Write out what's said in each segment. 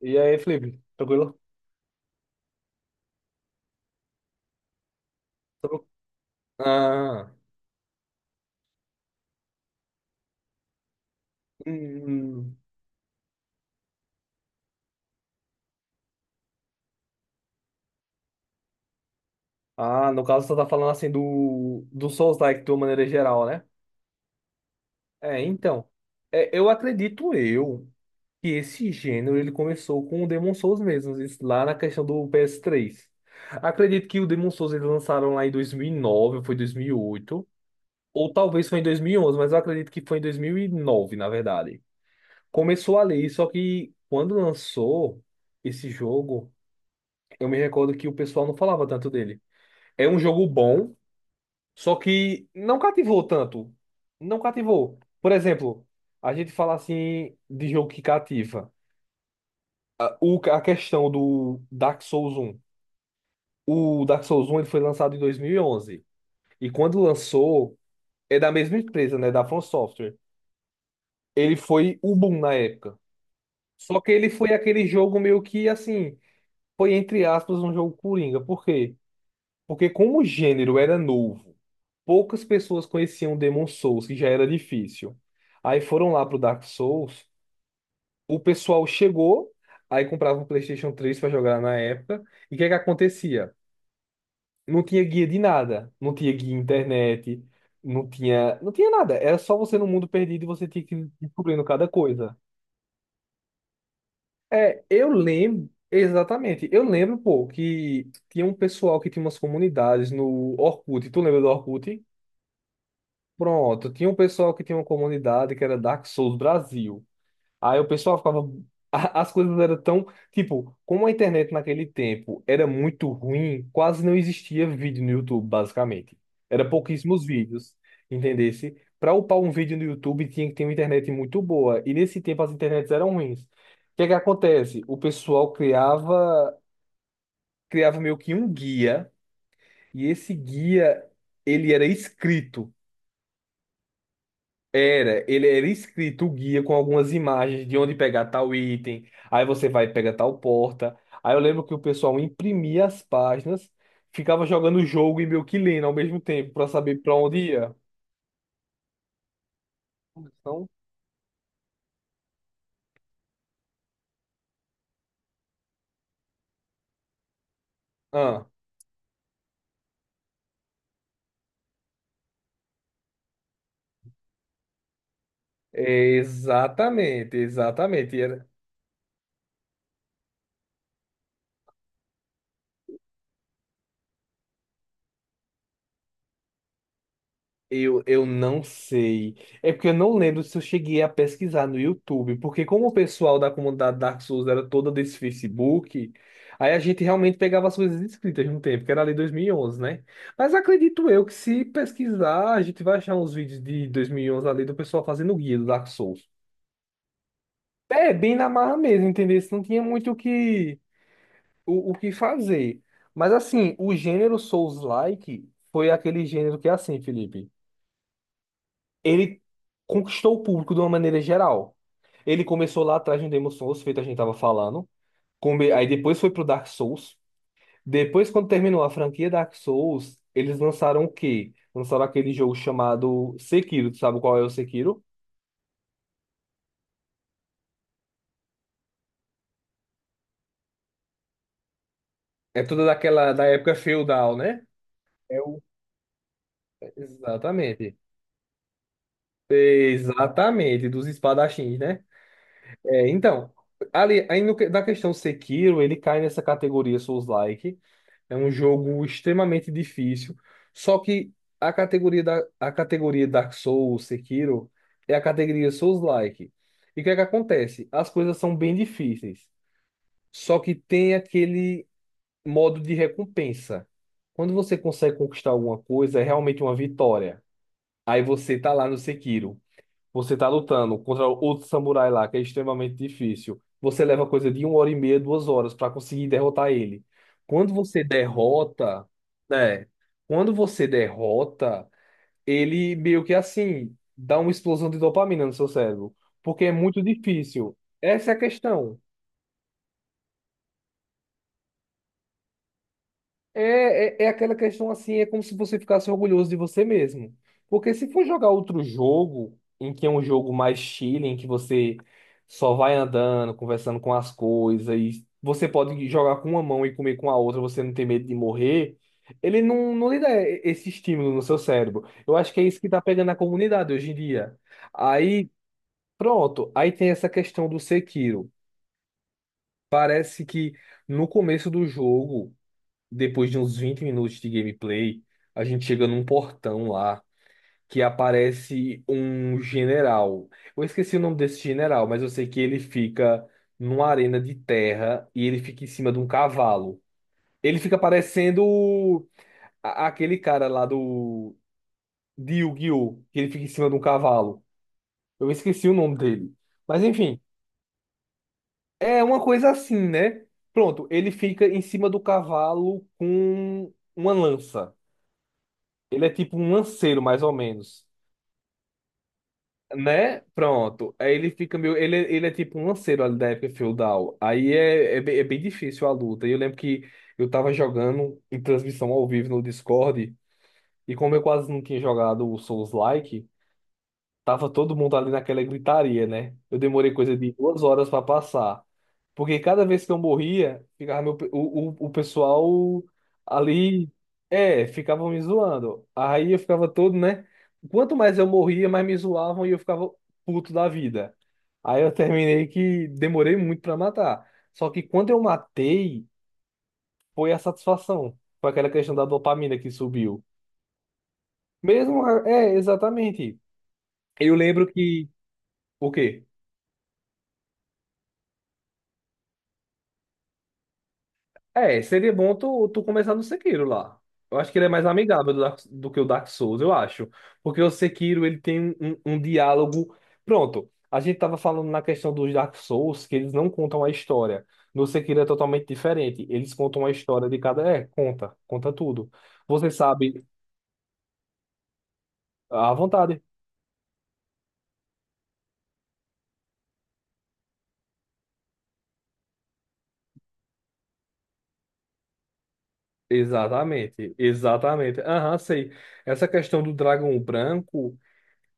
E aí, Felipe, tranquilo? Tranquilo? Ah, hum. Ah, no caso, você tá falando assim do Souls-like de uma maneira geral, né? É, então. É, eu acredito eu que esse gênero ele começou com o Demon Souls mesmo, isso lá na questão do PS3. Acredito que o Demon Souls eles lançaram lá em 2009, ou foi 2008, ou talvez foi em 2011, mas eu acredito que foi em 2009, na verdade. Começou ali, só que quando lançou esse jogo, eu me recordo que o pessoal não falava tanto dele. É um jogo bom, só que não cativou tanto. Não cativou. Por exemplo, a gente fala assim de jogo que cativa. A, o- a questão do Dark Souls um O Dark Souls um ele foi lançado em 2011. E onze. E quando lançou, é da mesma empresa, né? Da From Software. Ele foi o boom na época. Só que ele foi aquele jogo meio que assim. Foi entre aspas um jogo coringa. Por quê? Porque como o gênero era novo, poucas pessoas conheciam Demon Souls, que já era difícil. Aí foram lá pro Dark Souls, o pessoal chegou, aí comprava um PlayStation 3 para jogar na época, e o que é que acontecia? Não tinha guia de nada, não tinha guia internet, não tinha nada, era só você no mundo perdido e você tinha que ir descobrindo cada coisa. É, eu lembro, exatamente, eu lembro, pô, que tinha um pessoal que tinha umas comunidades no Orkut, tu lembra do Orkut? Pronto, tinha um pessoal que tinha uma comunidade que era Dark Souls Brasil. Aí o pessoal ficava. As coisas eram tão. Tipo, como a internet naquele tempo era muito ruim, quase não existia vídeo no YouTube, basicamente. Era pouquíssimos vídeos, entendesse? Para upar um vídeo no YouTube tinha que ter uma internet muito boa. E nesse tempo as internets eram ruins. O que é que acontece? O pessoal criava, meio que um guia, e esse guia ele era escrito. Era, ele era escrito o guia com algumas imagens de onde pegar tal item, aí você vai pegar tal porta. Aí eu lembro que o pessoal imprimia as páginas, ficava jogando o jogo e meio que lendo ao mesmo tempo para saber para onde ia. Então, ah, exatamente, exatamente. E era. Eu não sei. É porque eu não lembro se eu cheguei a pesquisar no YouTube, porque como o pessoal da comunidade Dark Souls era toda desse Facebook, aí a gente realmente pegava as coisas escritas de um tempo, que era ali 2011, né? Mas acredito eu que se pesquisar, a gente vai achar uns vídeos de 2011 ali do pessoal fazendo guia do Dark Souls. É, bem na marra mesmo, entendeu? Isso. Não tinha muito o que, o que fazer. Mas assim, o gênero Souls-like foi aquele gênero que é assim, Felipe, ele conquistou o público de uma maneira geral. Ele começou lá atrás no Demon Souls, feito a gente tava falando. Aí depois foi pro Dark Souls. Depois, quando terminou a franquia Dark Souls, eles lançaram o quê? Lançaram aquele jogo chamado Sekiro. Tu sabe qual é o Sekiro? É toda daquela da época feudal, né? É o Exatamente. Exatamente, dos espadachins, né? É, então, ali, aí no, que- na questão Sekiro, ele cai nessa categoria Souls-like. É um jogo extremamente difícil. Só que a categoria Dark Souls, Sekiro, é a categoria Souls-like. E o que é que acontece? As coisas são bem difíceis. Só que tem aquele modo de recompensa. Quando você consegue conquistar alguma coisa, é realmente uma vitória. Aí você tá lá no Sekiro. Você tá lutando contra outro samurai lá, que é extremamente difícil. Você leva coisa de uma hora e meia, 2 horas para conseguir derrotar ele. Quando você derrota, né? Quando você derrota, ele meio que assim dá uma explosão de dopamina no seu cérebro, porque é muito difícil. Essa é a questão. É aquela questão assim, é como se você ficasse orgulhoso de você mesmo. Porque se for jogar outro jogo, em que é um jogo mais chill, em que você só vai andando, conversando com as coisas, e você pode jogar com uma mão e comer com a outra, você não tem medo de morrer, ele não, não lhe dá esse estímulo no seu cérebro. Eu acho que é isso que tá pegando a comunidade hoje em dia. Aí, pronto, aí tem essa questão do Sekiro. Parece que no começo do jogo, depois de uns 20 minutos de gameplay, a gente chega num portão lá que aparece um general. Eu esqueci o nome desse general, mas eu sei que ele fica numa arena de terra e ele fica em cima de um cavalo. Ele fica parecendo aquele cara lá do de Yu-Gi-Oh! Que ele fica em cima de um cavalo. Eu esqueci o nome dele. Mas enfim, é uma coisa assim, né? Pronto, ele fica em cima do cavalo com uma lança. Ele é tipo um lanceiro, mais ou menos. Né? Pronto. Aí ele fica meio. Ele é tipo um lanceiro ali da época feudal. Aí bem difícil a luta. E eu lembro que eu tava jogando em transmissão ao vivo no Discord. E como eu quase não tinha jogado o Souls-like, tava todo mundo ali naquela gritaria, né? Eu demorei coisa de 2 horas para passar. Porque cada vez que eu morria, ficava o pessoal ali, ficavam me zoando. Aí eu ficava todo, né? Quanto mais eu morria, mais me zoavam e eu ficava puto da vida. Aí eu terminei que demorei muito para matar. Só que quando eu matei, foi a satisfação. Foi aquela questão da dopamina que subiu. Mesmo, é, exatamente. Eu lembro que, o quê? É, seria bom tu começar no Sekiro lá. Eu acho que ele é mais amigável do que o Dark Souls, eu acho. Porque o Sekiro, ele tem um diálogo... Pronto, a gente tava falando na questão dos Dark Souls, que eles não contam a história. No Sekiro é totalmente diferente. Eles contam a história de cada... É, conta. Conta tudo. Você sabe. À vontade. Exatamente, exatamente. Aham, sei. Essa questão do dragão branco...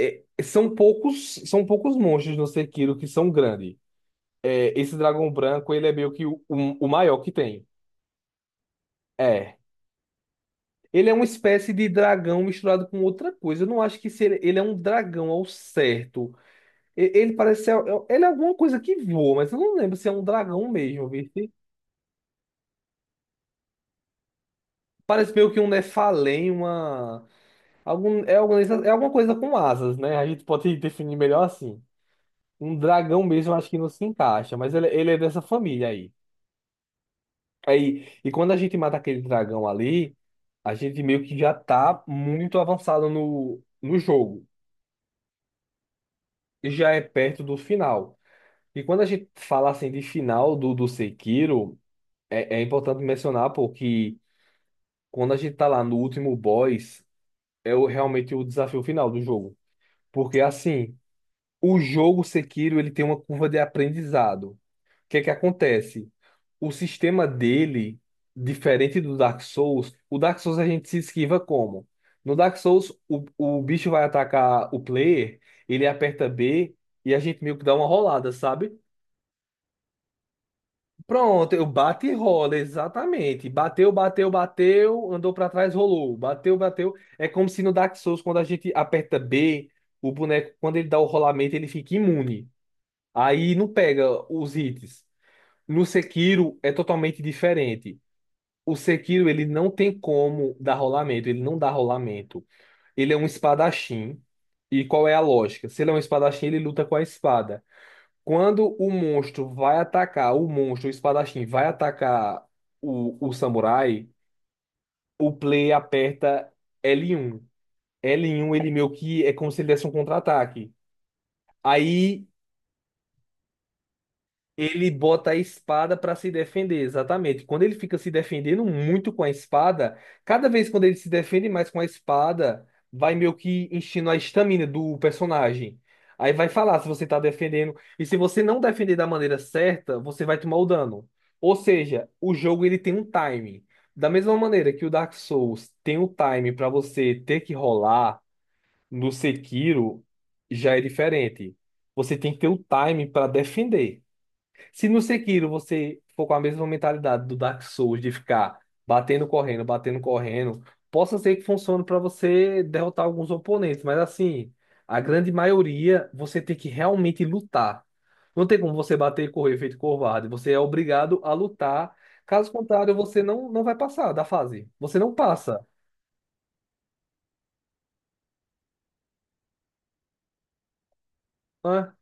são poucos monstros no Sekiro que são grandes. É, esse dragão branco, ele é meio que o maior que tem. É. Ele é uma espécie de dragão misturado com outra coisa. Eu não acho que se ele, ele é um dragão ao certo. Ele parece ser, ele é alguma coisa que voa, mas eu não lembro se é um dragão mesmo, viste? Parece meio que um Nephalém, uma algum é alguma coisa com asas, né? A gente pode definir melhor assim. Um dragão mesmo, eu acho que não se encaixa, mas ele é dessa família aí. Aí, e quando a gente mata aquele dragão ali, a gente meio que já tá muito avançado no jogo. E já é perto do final. E quando a gente fala assim de final do Sekiro, é importante mencionar, porque quando a gente tá lá no último boss, é realmente o desafio final do jogo. Porque assim, o jogo Sekiro, ele tem uma curva de aprendizado. O que é que acontece? O sistema dele, diferente do Dark Souls, o Dark Souls a gente se esquiva como? No Dark Souls, o bicho vai atacar o player, ele aperta B e a gente meio que dá uma rolada, sabe? Pronto, eu bate e rola, exatamente. Bateu, bateu, bateu, andou pra trás, rolou. Bateu, bateu. É como se no Dark Souls, quando a gente aperta B, o boneco, quando ele dá o rolamento, ele fica imune. Aí não pega os hits. No Sekiro é totalmente diferente. O Sekiro ele não tem como dar rolamento, ele não dá rolamento. Ele é um espadachim. E qual é a lógica? Se ele é um espadachim, ele luta com a espada. Quando o monstro vai atacar, o monstro, o espadachim, vai atacar o samurai, o player aperta L1. L1 ele meio que é como se ele desse um contra-ataque. Aí ele bota a espada para se defender, exatamente. Quando ele fica se defendendo muito com a espada, cada vez quando ele se defende mais com a espada, vai meio que enchendo a estamina do personagem. Aí vai falar se você tá defendendo. E se você não defender da maneira certa, você vai tomar o dano. Ou seja, o jogo ele tem um time. Da mesma maneira que o Dark Souls tem um time para você ter que rolar, no Sekiro já é diferente. Você tem que ter o time para defender. Se no Sekiro você for com a mesma mentalidade do Dark Souls de ficar batendo, correndo, possa ser que funcione para você derrotar alguns oponentes, mas assim, a grande maioria você tem que realmente lutar. Não tem como você bater e correr feito covarde, você é obrigado a lutar. Caso contrário, você não, não vai passar da fase. Você não passa, né?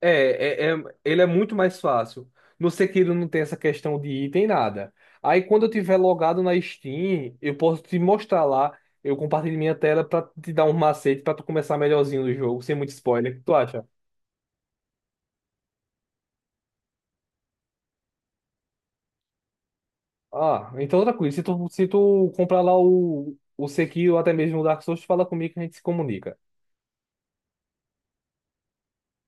É, é, é- ele é muito mais fácil. No Sekiro não tem essa questão de item, nada. Aí quando eu tiver logado na Steam, eu posso te mostrar lá. Eu compartilho minha tela pra te dar um macete pra tu começar melhorzinho no jogo, sem muito spoiler. O que tu acha? Ah, então outra coisa. Se tu comprar lá o Sekiro ou até mesmo o Dark Souls, fala comigo que a gente se comunica.